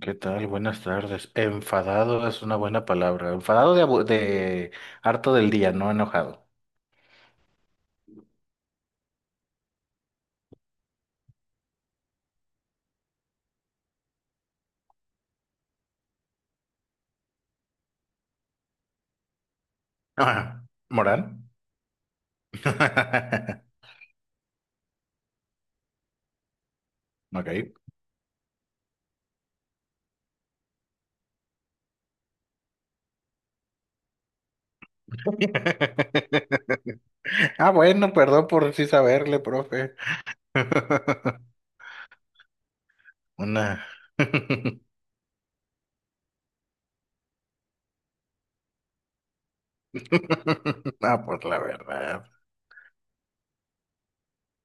¿Qué tal? Buenas tardes. Enfadado es una buena palabra. Enfadado de harto del día, no enojado. Ajá. ¿Moral? Ok. Ah, bueno, perdón por sí saberle, profe. Una. Ah, pues la verdad.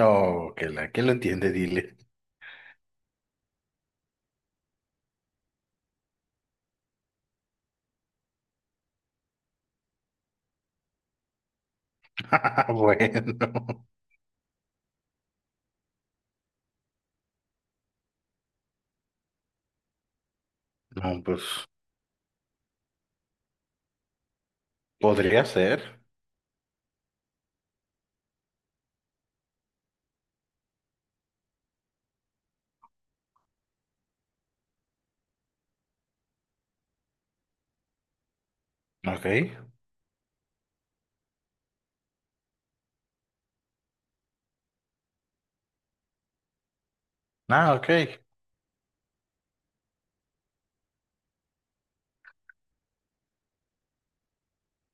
No, que la que lo entiende, dile. Ah, bueno. No, pues podría ser. Ok. Ah, ok.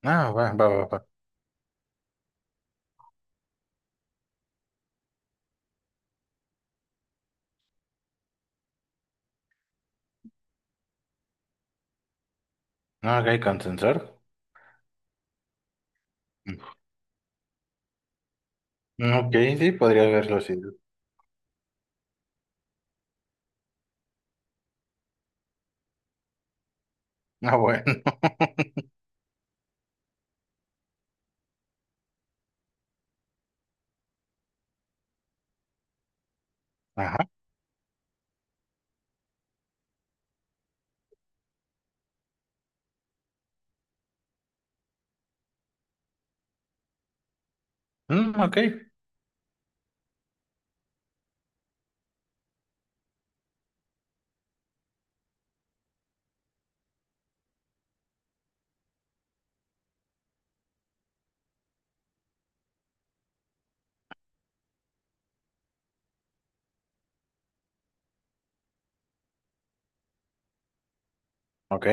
Ah, va, va, va, va. Ah, ok, con sensor. Mm, ok, sí, podría verlo así. Ah, bueno. Ajá. Mm, ok.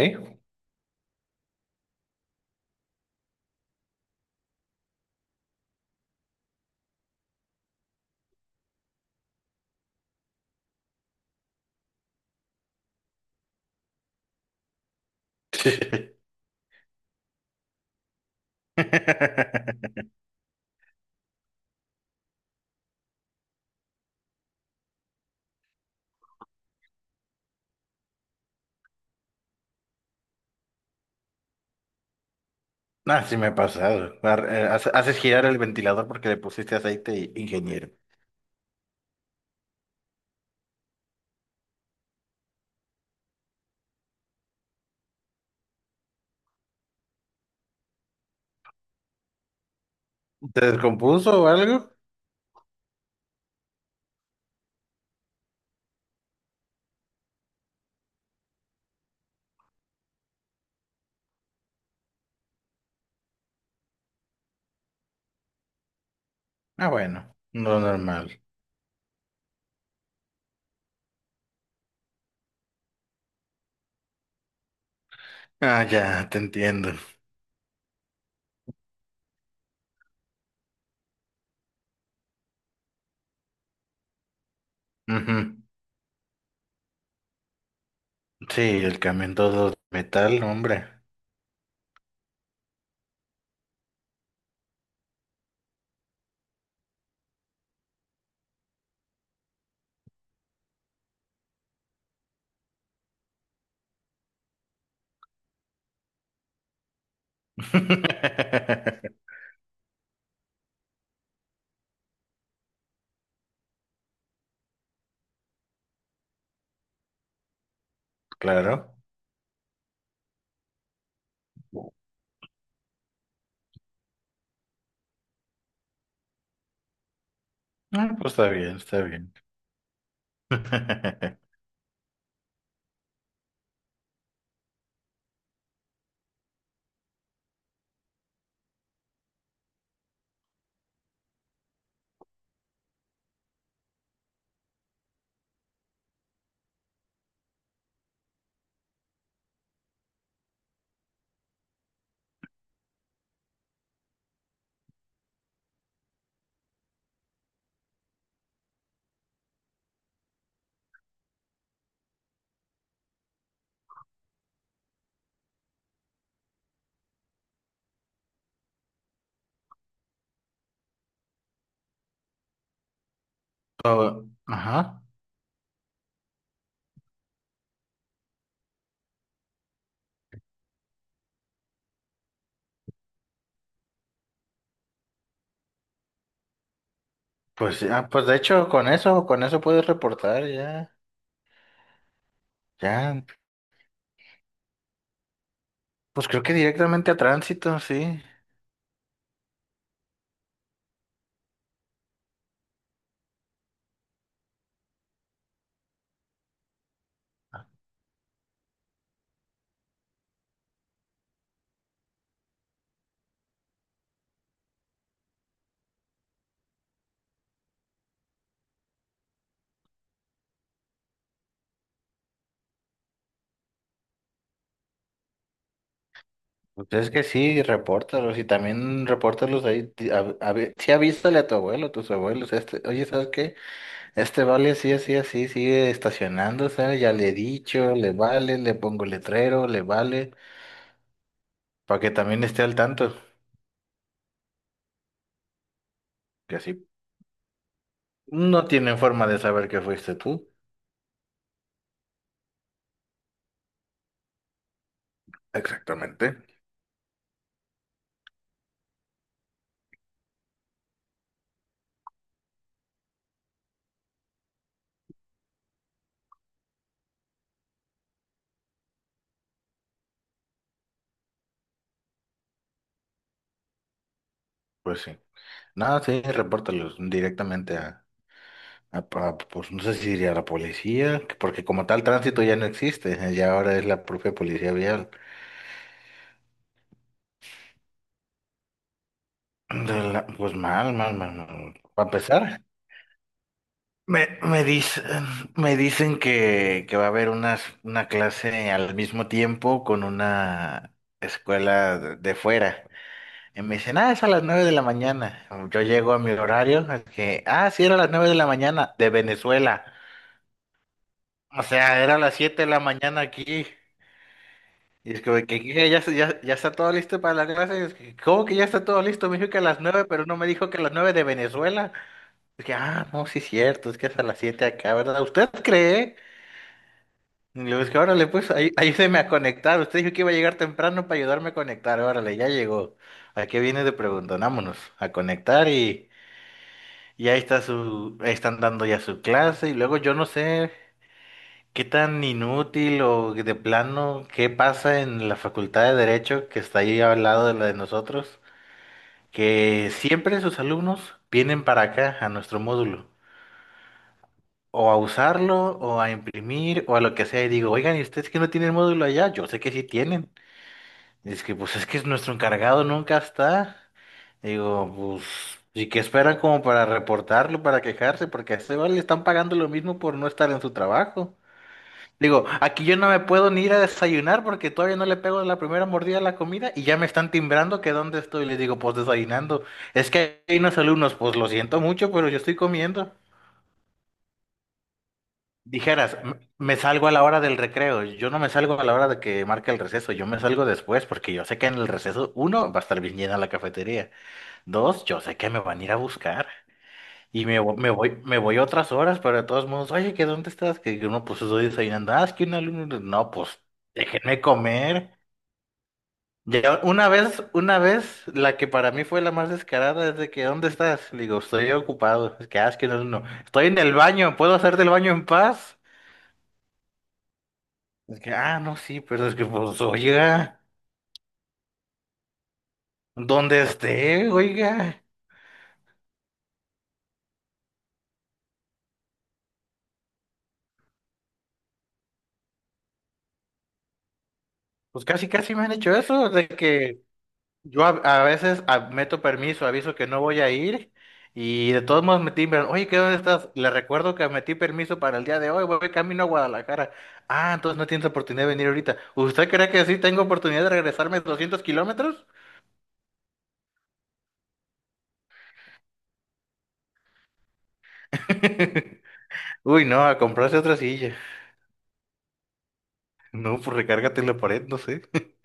Ah, sí me ha pasado. Haces girar el ventilador porque le pusiste aceite, ingeniero. ¿Te descompuso o algo? Ah, bueno, no normal. Ah, ya, te entiendo. Ujú. Sí, el camión todo de metal, hombre. Claro. Ah, pues está bien, está bien. Oh, ajá. Pues ya, pues de hecho, con eso puedes reportar ya. Ya, pues creo que directamente a tránsito, sí. Pues es que sí, repórtalos y también repórtalos ahí. Sí, avísale a tu abuelo, tus abuelos. Este, oye, ¿sabes qué? Este vale así, así, así, sigue estacionándose. Ya le he dicho, le vale, le pongo letrero, le vale, para que también esté al tanto. Que así no tienen forma de saber que fuiste tú. Exactamente. Pues sí. No, sí, repórtalos directamente a, pues no sé si diría a la policía, porque como tal tránsito ya no existe, ya ahora es la propia policía vial. De la- pues mal, mal, mal, mal. Para empezar, me, me dicen, me dicen que va a haber unas, una clase al mismo tiempo con una escuela de fuera. Y me dicen, ah, es a las 9 de la mañana. Yo llego a mi horario, es que, ah, sí, era a las 9 de la mañana, de Venezuela. O sea, era las 7 de la mañana aquí. Y es que, que ya está todo listo para la clase. Y es que, ¿cómo que ya está todo listo? Me dijo que a las 9, pero no me dijo que a las 9 de Venezuela. Es que, ah, no, sí es cierto, es que es a las 7 acá, ¿verdad? ¿Usted cree? Y le digo, es que órale, pues ahí, ayúdeme a conectar. Usted dijo que iba a llegar temprano para ayudarme a conectar. Órale, ya llegó. ¿A qué viene de pregunta? Vámonos a conectar y ahí está su, ahí están dando ya su clase. Y luego yo no sé. ¿Qué tan inútil o de plano, qué pasa en la Facultad de Derecho que está ahí al lado de la de nosotros? Que siempre sus alumnos vienen para acá, a nuestro módulo, o a usarlo, o a imprimir, o a lo que sea. Y digo, oigan, ¿y ustedes que no tienen módulo allá? Yo sé que sí tienen. Y es que, pues es que nuestro encargado nunca está. Digo, pues, ¿y qué esperan como para reportarlo, para quejarse? Porque a ese vale le están pagando lo mismo por no estar en su trabajo. Digo, aquí yo no me puedo ni ir a desayunar porque todavía no le pego la primera mordida a la comida y ya me están timbrando que dónde estoy. Les digo, pues desayunando. Es que hay unos alumnos, pues lo siento mucho, pero yo estoy comiendo. Dijeras, "M- me salgo a la hora del recreo". Yo no me salgo a la hora de que marque el receso. Yo me salgo después porque yo sé que en el receso, uno, va a estar bien llena la cafetería. Dos, yo sé que me van a ir a buscar. Me voy, me voy otras horas, pero de todos modos, oye, ¿que dónde estás? Que uno, pues estoy desayunando. Ah, es que un alumno, no, pues déjenme comer. Ya una vez, la que para mí fue la más descarada es de que, ¿dónde estás? Le digo, estoy ocupado. Es que, ah, es que no, estoy en el baño, ¿puedo hacerte el baño en paz? Es que, ah, no, sí, pero es que, pues, oiga, dónde esté, oiga. Pues casi, casi me han hecho eso, de que yo a veces meto permiso, aviso que no voy a ir y de todos modos me timbran. Oye, ¿qué dónde estás? Le recuerdo que metí permiso para el día de hoy, voy camino a Guadalajara. Ah, entonces no tienes oportunidad de venir ahorita. ¿Usted cree que sí tengo oportunidad de regresarme 200 kilómetros? Uy, no, a comprarse otra silla. No, pues recárgate en la pared, no sé.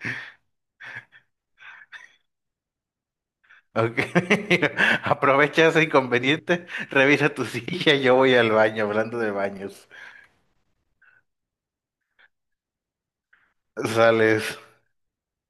Ok, aprovecha ese inconveniente, revisa tu silla, yo voy al baño, hablando de baños. Sales.